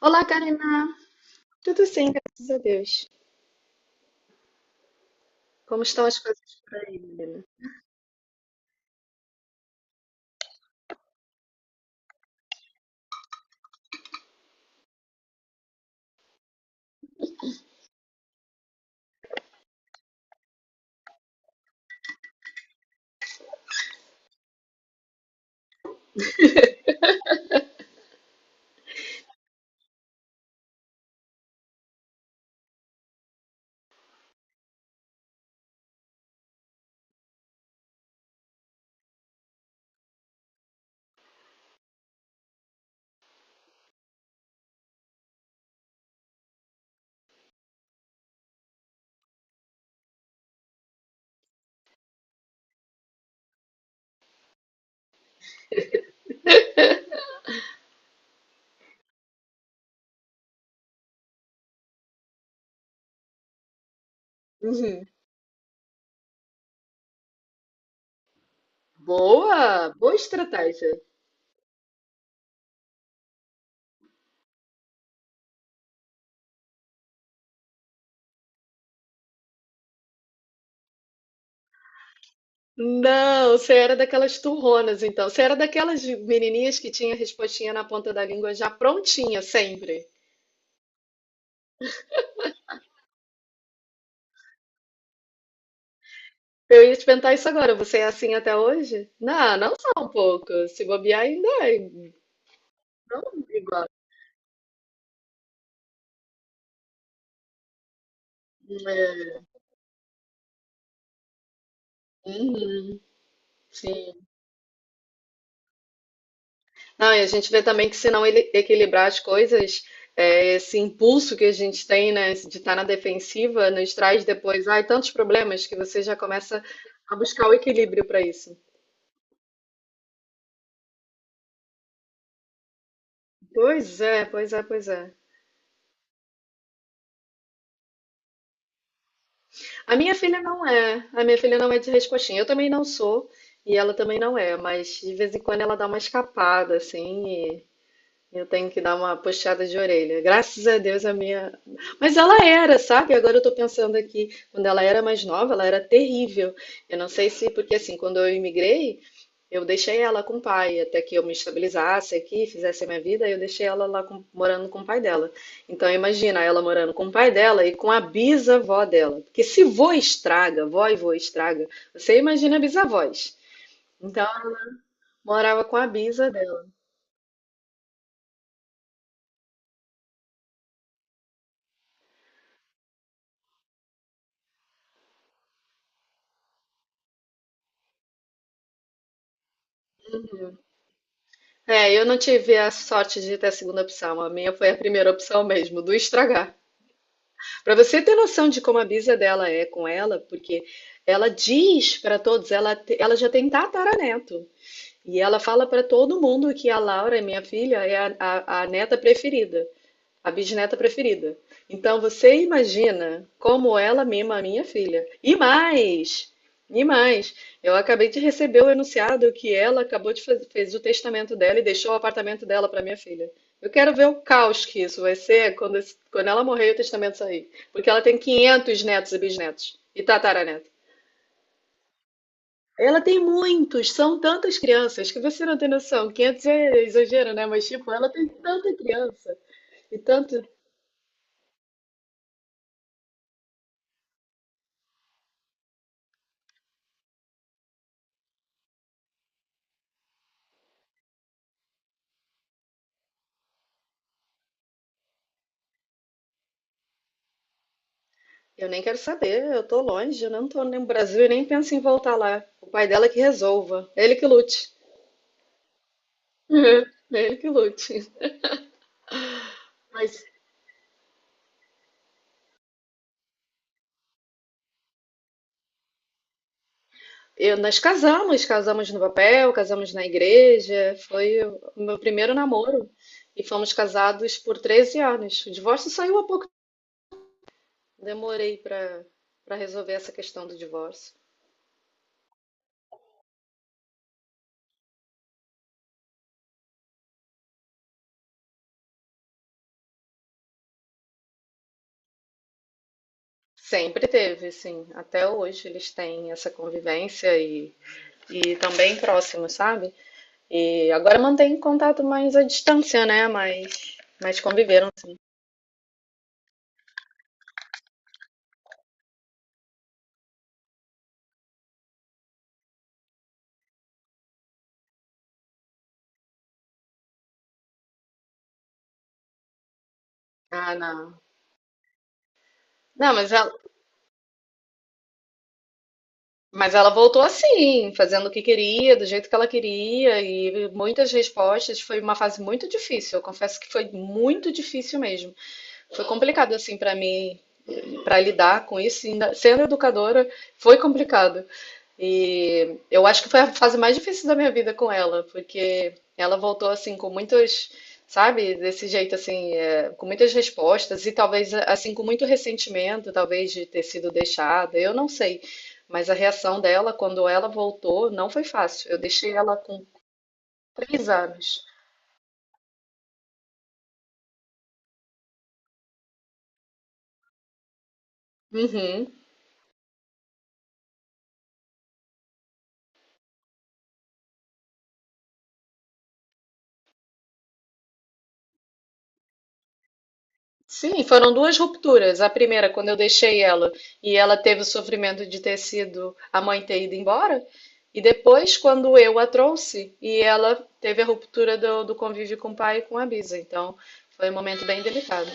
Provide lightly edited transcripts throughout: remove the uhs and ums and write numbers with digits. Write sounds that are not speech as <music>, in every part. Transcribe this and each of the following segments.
Olá, Karina. Tudo sim, graças a Deus. Como estão as coisas por aí, menina? <laughs> Uhum. Boa, boa estratégia. Não, você era daquelas turronas, então. Você era daquelas menininhas que tinha a respostinha na ponta da língua já prontinha, sempre. Eu ia te perguntar isso agora. Você é assim até hoje? Não, não só um pouco. Se bobear ainda é. Não, igual. É. Uhum. Sim. Não, e a gente vê também que se não ele- equilibrar as coisas, esse impulso que a gente tem, né, de estar na defensiva, nos traz depois, ai, tantos problemas que você já começa a buscar o equilíbrio para isso. Pois é, pois é, pois é. A minha filha não é de respostinha. Eu também não sou e ela também não é, mas de vez em quando ela dá uma escapada, assim. Eu tenho que dar uma puxada de orelha. Graças a Deus a minha. Mas ela era, sabe? Agora eu tô pensando aqui, quando ela era mais nova, ela era terrível. Eu não sei se, porque assim, quando eu imigrei, eu deixei ela com o pai, até que eu me estabilizasse aqui, fizesse a minha vida, eu deixei ela morando com o pai dela. Então imagina ela morando com o pai dela e com a bisavó dela. Porque se vô estraga, vó e vô estraga, você imagina bisavós. Então, morava com a bisa dela. É, eu não tive a sorte de ter a segunda opção. A minha foi a primeira opção mesmo, do estragar. Para você ter noção de como a bisa dela é com ela, porque ela diz para todos, ela já tem tataraneto. E ela fala para todo mundo que a Laura, minha filha, é a neta preferida, a bisneta preferida. Então você imagina como ela mima a minha filha. E mais, eu acabei de receber o enunciado que ela acabou de fazer, fez o testamento dela e deixou o apartamento dela para minha filha. Eu quero ver o caos que isso vai ser quando, quando ela morrer e o testamento sair. Porque ela tem 500 netos e bisnetos e tataraneto. Ela tem muitos, são tantas crianças que você não tem noção. 500 é exagero, né? Mas, tipo, ela tem tanta criança e tanto. Eu nem quero saber, eu tô longe, eu não tô no Brasil e nem penso em voltar lá. O pai dela que resolva, ele que lute. <laughs> Ele que lute. Mas eu, nós casamos, casamos no papel, casamos na igreja, foi o meu primeiro namoro e fomos casados por 13 anos. O divórcio saiu há pouco. Demorei para resolver essa questão do divórcio. Sempre teve, sim. Até hoje eles têm essa convivência e tão bem próximos, sabe? E agora mantém contato mais à distância, né? Mas conviveram, sim. Ah, não. Não, mas ela voltou assim, fazendo o que queria, do jeito que ela queria, e muitas respostas. Foi uma fase muito difícil. Eu confesso que foi muito difícil mesmo. Foi complicado assim para mim, para lidar com isso. Ainda sendo educadora, foi complicado. E eu acho que foi a fase mais difícil da minha vida com ela, porque ela voltou assim com muitos, sabe, desse jeito assim, com muitas respostas e talvez assim com muito ressentimento, talvez de ter sido deixada, eu não sei. Mas a reação dela quando ela voltou não foi fácil. Eu deixei ela com 3 anos. Uhum. Sim, foram duas rupturas. A primeira, quando eu deixei ela e ela teve o sofrimento de ter sido a mãe ter ido embora. E depois, quando eu a trouxe e ela teve a ruptura do convívio com o pai e com a Bisa. Então, foi um momento bem delicado.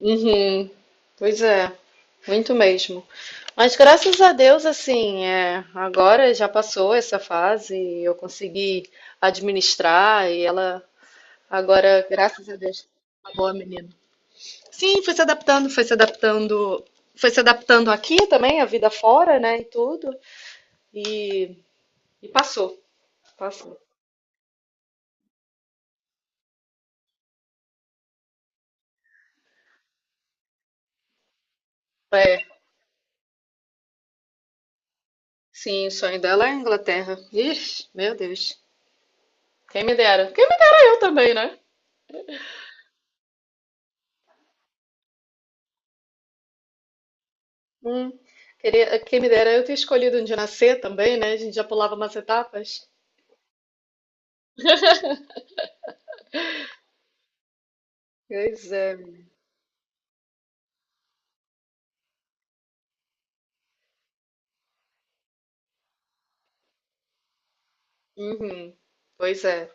Uhum. Pois é, muito mesmo. Mas graças a Deus, assim, agora já passou essa fase, eu consegui administrar e ela agora, graças a Deus, é uma boa menina. Sim, foi se adaptando, foi se adaptando aqui também, a vida fora, né, e tudo. E, e passou, passou. É, sim, o sonho dela é a Inglaterra. Ixi, meu Deus. Quem me dera. Quem me dera eu também, né? Hum, queria, quem me dera eu ter escolhido onde nascer também, né? A gente já pulava umas etapas. Pois é. Uhum. Pois é.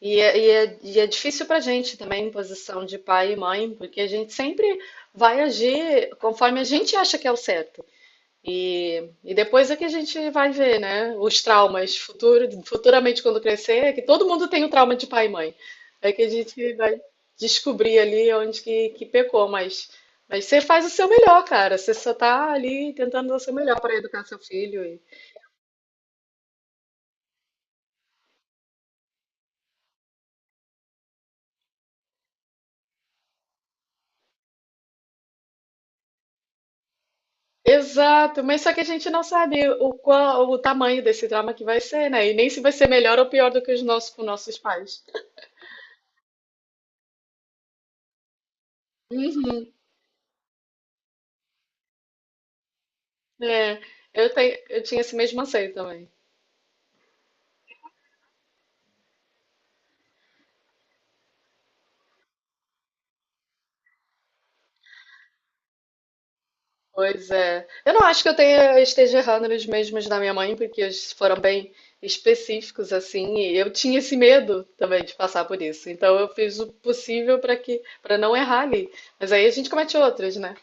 E é, e é, e é difícil pra gente também, em posição de pai e mãe, porque a gente sempre vai agir conforme a gente acha que é o certo. E depois é que a gente vai ver, né? Os traumas futuro, futuramente quando crescer, é que todo mundo tem o trauma de pai e mãe. É que a gente vai descobrir ali onde que pecou, mas você faz o seu melhor, cara. Você só tá ali tentando dar o seu melhor para educar seu filho. E- Exato, mas só que a gente não sabe o qual, o tamanho desse trauma que vai ser, né? E nem se vai ser melhor ou pior do que os nossos com nossos pais. Uhum, é, eu tinha esse mesmo anseio também. Pois é. Eu não acho que eu tenha, eu esteja errando nos mesmos da minha mãe, porque eles foram bem específicos, assim, e eu tinha esse medo também de passar por isso. Então eu fiz o possível para que, para não errar ali. Mas aí a gente comete outros, né?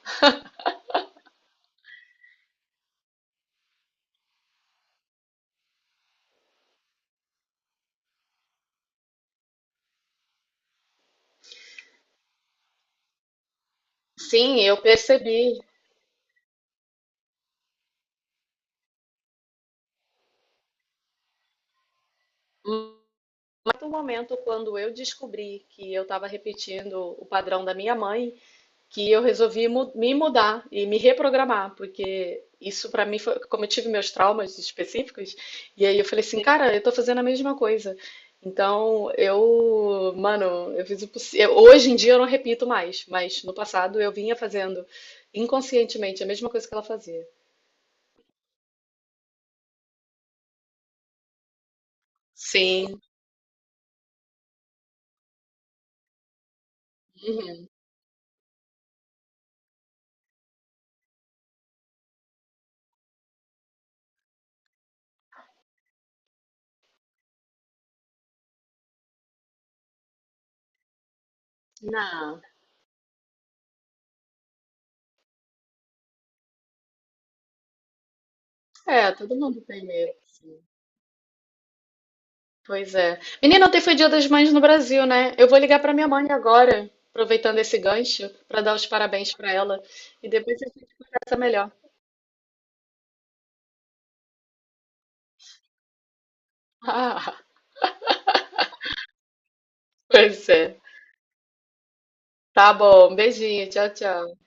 Sim, eu percebi. Mas no momento, quando eu descobri que eu estava repetindo o padrão da minha mãe, que eu resolvi me mudar e me reprogramar, porque isso para mim foi como eu tive meus traumas específicos, e aí eu falei assim, cara, eu tô fazendo a mesma coisa. Então, eu, mano, eu fiz o possível. Hoje em dia eu não repito mais, mas no passado eu vinha fazendo inconscientemente a mesma coisa que ela fazia. Sim, não. É, todo mundo tem medo. Pois é. Menina, ontem foi Dia das Mães no Brasil, né? Eu vou ligar pra minha mãe agora, aproveitando esse gancho, pra dar os parabéns pra ela. E depois essa é melhor. <laughs> Ah, pois é. Tá bom. Beijinho. Tchau, tchau.